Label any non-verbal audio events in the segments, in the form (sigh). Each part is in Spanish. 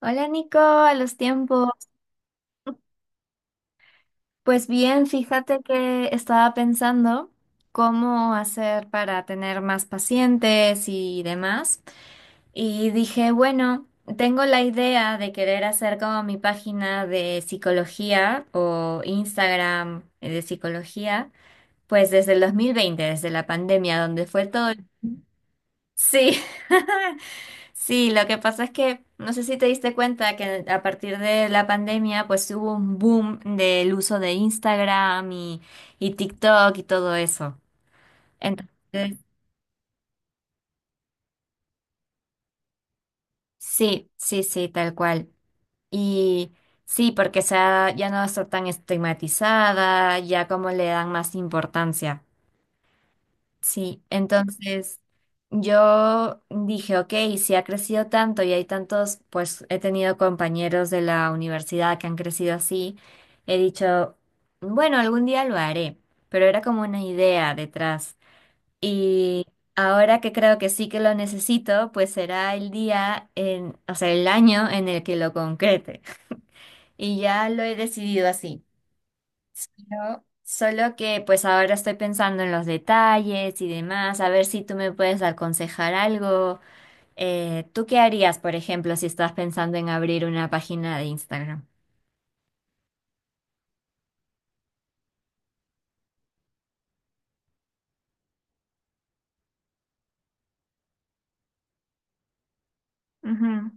Hola Nico, a los tiempos. Pues bien, fíjate que estaba pensando cómo hacer para tener más pacientes y demás. Y dije, bueno, tengo la idea de querer hacer como mi página de psicología o Instagram de psicología, pues desde el 2020, desde la pandemia, donde fue todo. Sí. (laughs) Sí, lo que pasa es que no sé si te diste cuenta que a partir de la pandemia pues hubo un boom del uso de Instagram y TikTok y todo eso. Entonces, sí, sí, sí, tal cual. Y sí, porque ya no está tan estigmatizada, ya como le dan más importancia. Sí, entonces yo dije, ok, si ha crecido tanto y hay tantos, pues he tenido compañeros de la universidad que han crecido así, he dicho, bueno, algún día lo haré, pero era como una idea detrás. Y ahora que creo que sí que lo necesito, pues será el día, o sea, el año en el que lo concrete. Y ya lo he decidido así. Solo que pues ahora estoy pensando en los detalles y demás, a ver si tú me puedes aconsejar algo. ¿tú qué harías, por ejemplo, si estás pensando en abrir una página de Instagram? Ujú,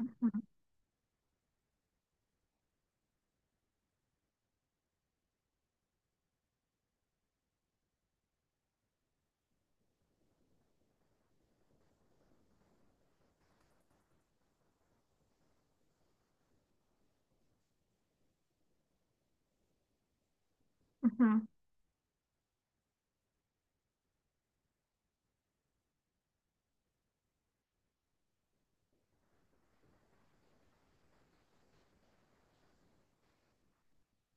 ujú, ujú.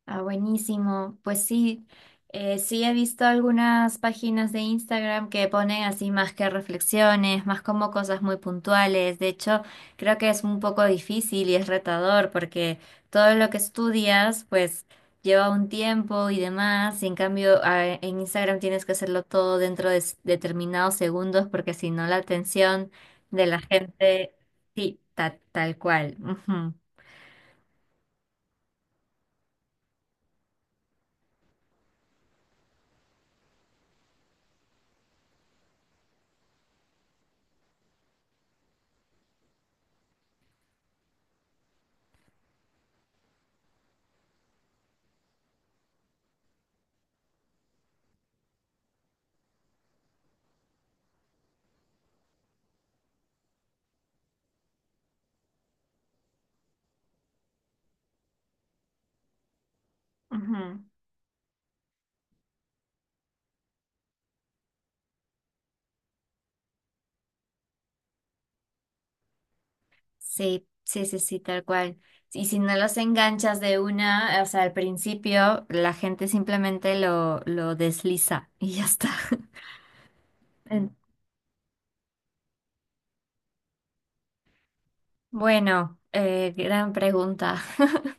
Ah, buenísimo. Pues sí, sí he visto algunas páginas de Instagram que ponen así más que reflexiones, más como cosas muy puntuales. De hecho, creo que es un poco difícil y es retador porque todo lo que estudias, pues lleva un tiempo y demás. Y en cambio, en Instagram tienes que hacerlo todo dentro de determinados segundos porque si no la atención de la gente, sí, tal cual. Ujú, ujú. Sí, sí, sí, sí, tal cual. Y si no los enganchas de una, o sea, al principio la gente simplemente lo desliza y ya está. (laughs) En- Bueno, gran pregunta. (laughs)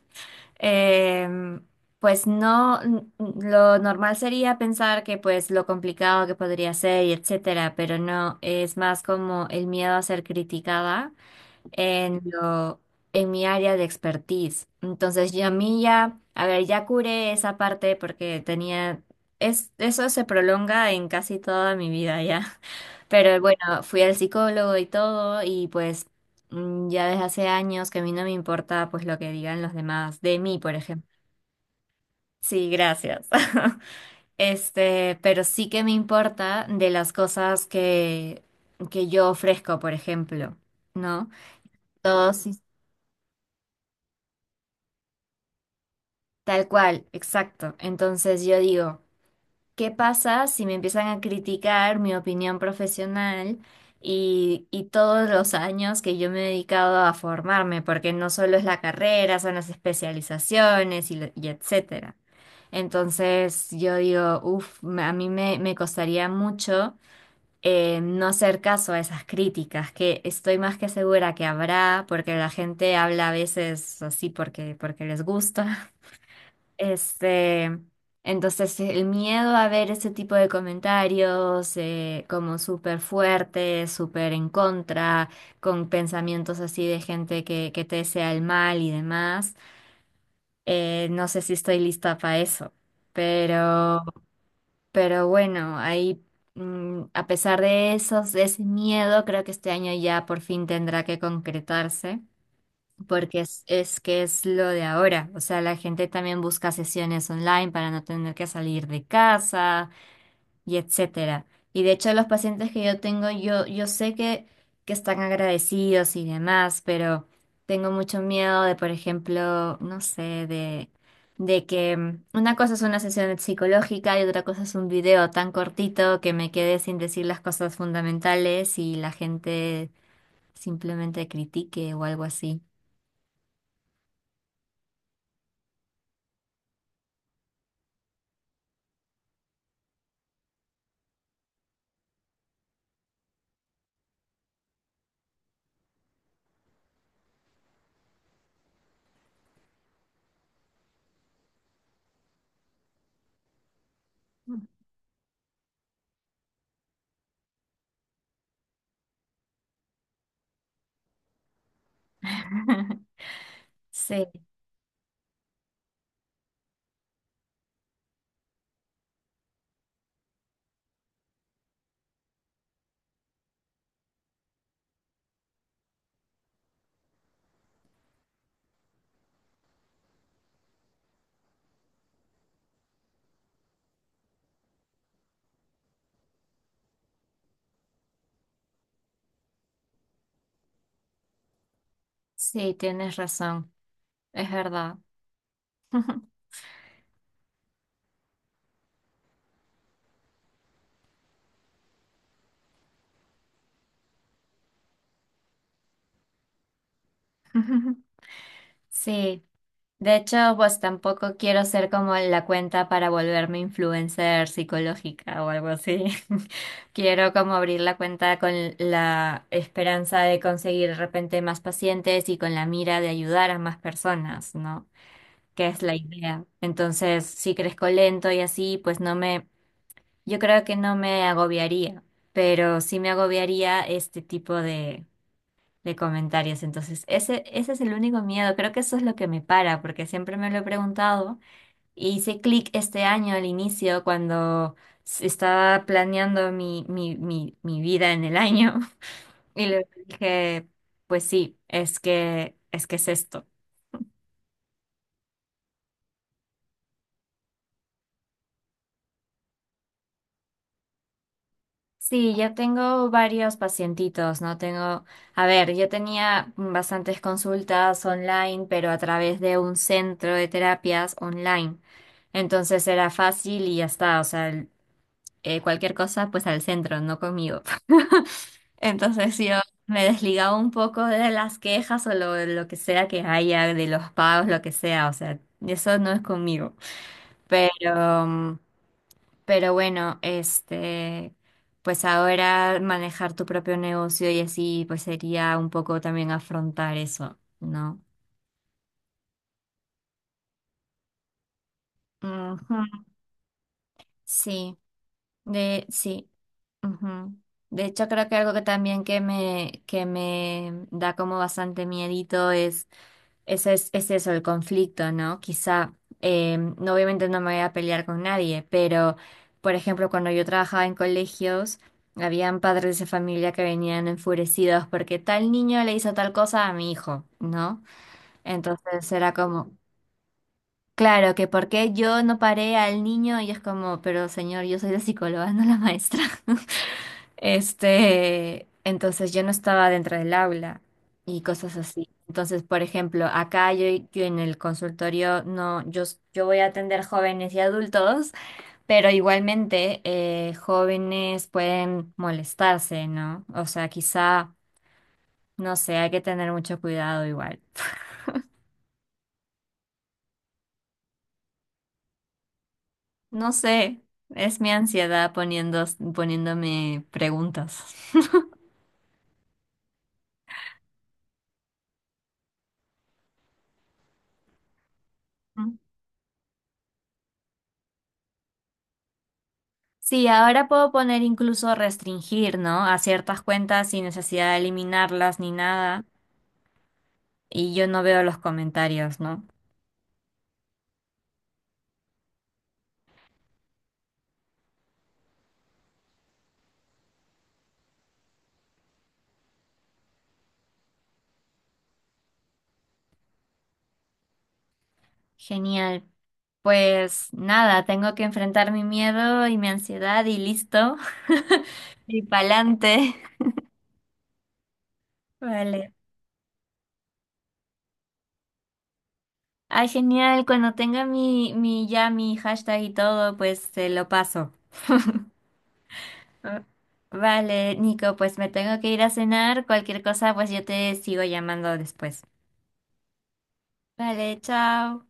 Em, pues no, lo normal sería pensar que pues lo complicado que podría ser y etcétera, pero no, es más como el miedo a ser criticada en lo, en mi área de expertise. Entonces, yo a mí ya, a ver, ya curé esa parte porque tenía, es, eso se prolonga en casi toda mi vida ya. (laughs) Pero bueno, fui al psicólogo y todo y pues ya desde hace años que a mí no me importa pues lo que digan los demás de mí, por ejemplo. Sí, gracias. (laughs) Este, pero sí que me importa de las cosas que yo ofrezco, por ejemplo, ¿no? Todos tal cual, exacto. Entonces yo digo, ¿qué pasa si me empiezan a criticar mi opinión profesional y todos los años que yo me he dedicado a formarme? Porque no solo es la carrera, son las especializaciones y etcétera. Entonces yo digo, uff, a mí me costaría mucho no hacer caso a esas críticas, que estoy más que segura que habrá, porque la gente habla a veces así porque, porque les gusta. Este, entonces el miedo a ver ese tipo de comentarios como súper fuertes, súper en contra, con pensamientos así de gente que te desea el mal y demás, no sé si estoy lista para eso, pero, pero bueno, ahí a pesar de ese miedo, creo que este año ya por fin tendrá que concretarse porque es que es lo de ahora. O sea, la gente también busca sesiones online para no tener que salir de casa y etcétera. Y de hecho, los pacientes que yo tengo, yo sé que están agradecidos y demás, pero tengo mucho miedo de, por ejemplo, no sé, de que una cosa es una sesión psicológica y otra cosa es un video tan cortito que me quede sin decir las cosas fundamentales y la gente simplemente critique o algo así. Sí. Sí, tienes razón, es verdad. (laughs) Sí, de hecho, pues tampoco quiero ser como la cuenta para volverme influencer psicológica o algo así. (laughs) Quiero como abrir la cuenta con la esperanza de conseguir de repente más pacientes y con la mira de ayudar a más personas, ¿no? Que es la idea. Entonces, si crezco lento y así, pues no me, yo creo que no me agobiaría, pero sí me agobiaría este tipo de comentarios. Entonces, ese es el único miedo. Creo que eso es lo que me para, porque siempre me lo he preguntado. Y hice clic este año al inicio cuando estaba planeando mi, mi, mi, mi vida en el año. (laughs) Y le dije, pues sí, es que, es que es esto. Sí, ya tengo varios pacientitos, ¿no? Tengo, a ver, yo tenía bastantes consultas online, pero a través de un centro de terapias online. Entonces era fácil y ya está. O sea, cualquier cosa, pues al centro, no conmigo. (laughs) Entonces yo me desligaba un poco de las quejas o lo que sea que haya, de los pagos, lo que sea, o sea, eso no es conmigo. Pero, pero bueno, este, pues ahora manejar tu propio negocio y así, pues sería un poco también afrontar eso, ¿no? Ujú. Sí, de, sí. Ujú. De hecho, creo que algo que también que me da como bastante miedito es ese es eso, el conflicto, ¿no? Quizá, no, obviamente no me voy a pelear con nadie, pero, por ejemplo, cuando yo trabajaba en colegios, habían padres de familia que venían enfurecidos porque tal niño le hizo tal cosa a mi hijo, ¿no? Entonces era como, claro, que por qué yo no paré al niño y es como, pero señor, yo soy la psicóloga, (laughs) no la maestra. Este, entonces yo no estaba dentro del aula y cosas así. Entonces, por ejemplo, acá yo, yo en el consultorio no, yo, yo voy a atender jóvenes y adultos, pero igualmente jóvenes pueden molestarse, ¿no? O sea, quizá, no sé, hay que tener mucho cuidado igual. No sé, es mi ansiedad poniéndome preguntas. (laughs) Sí, ahora puedo poner incluso restringir, ¿no? A ciertas cuentas sin necesidad de eliminarlas ni nada. Y yo no veo los comentarios, ¿no? Genial. Pues nada, tengo que enfrentar mi miedo y mi ansiedad y listo. (laughs) Y pa'lante. Vale. Ay, genial. Cuando tenga mi ya mi hashtag y todo, pues te lo paso. Ah, vale, Nico, pues me tengo que ir a cenar. Cualquier cosa, pues yo te sigo llamando después. Vale, chao.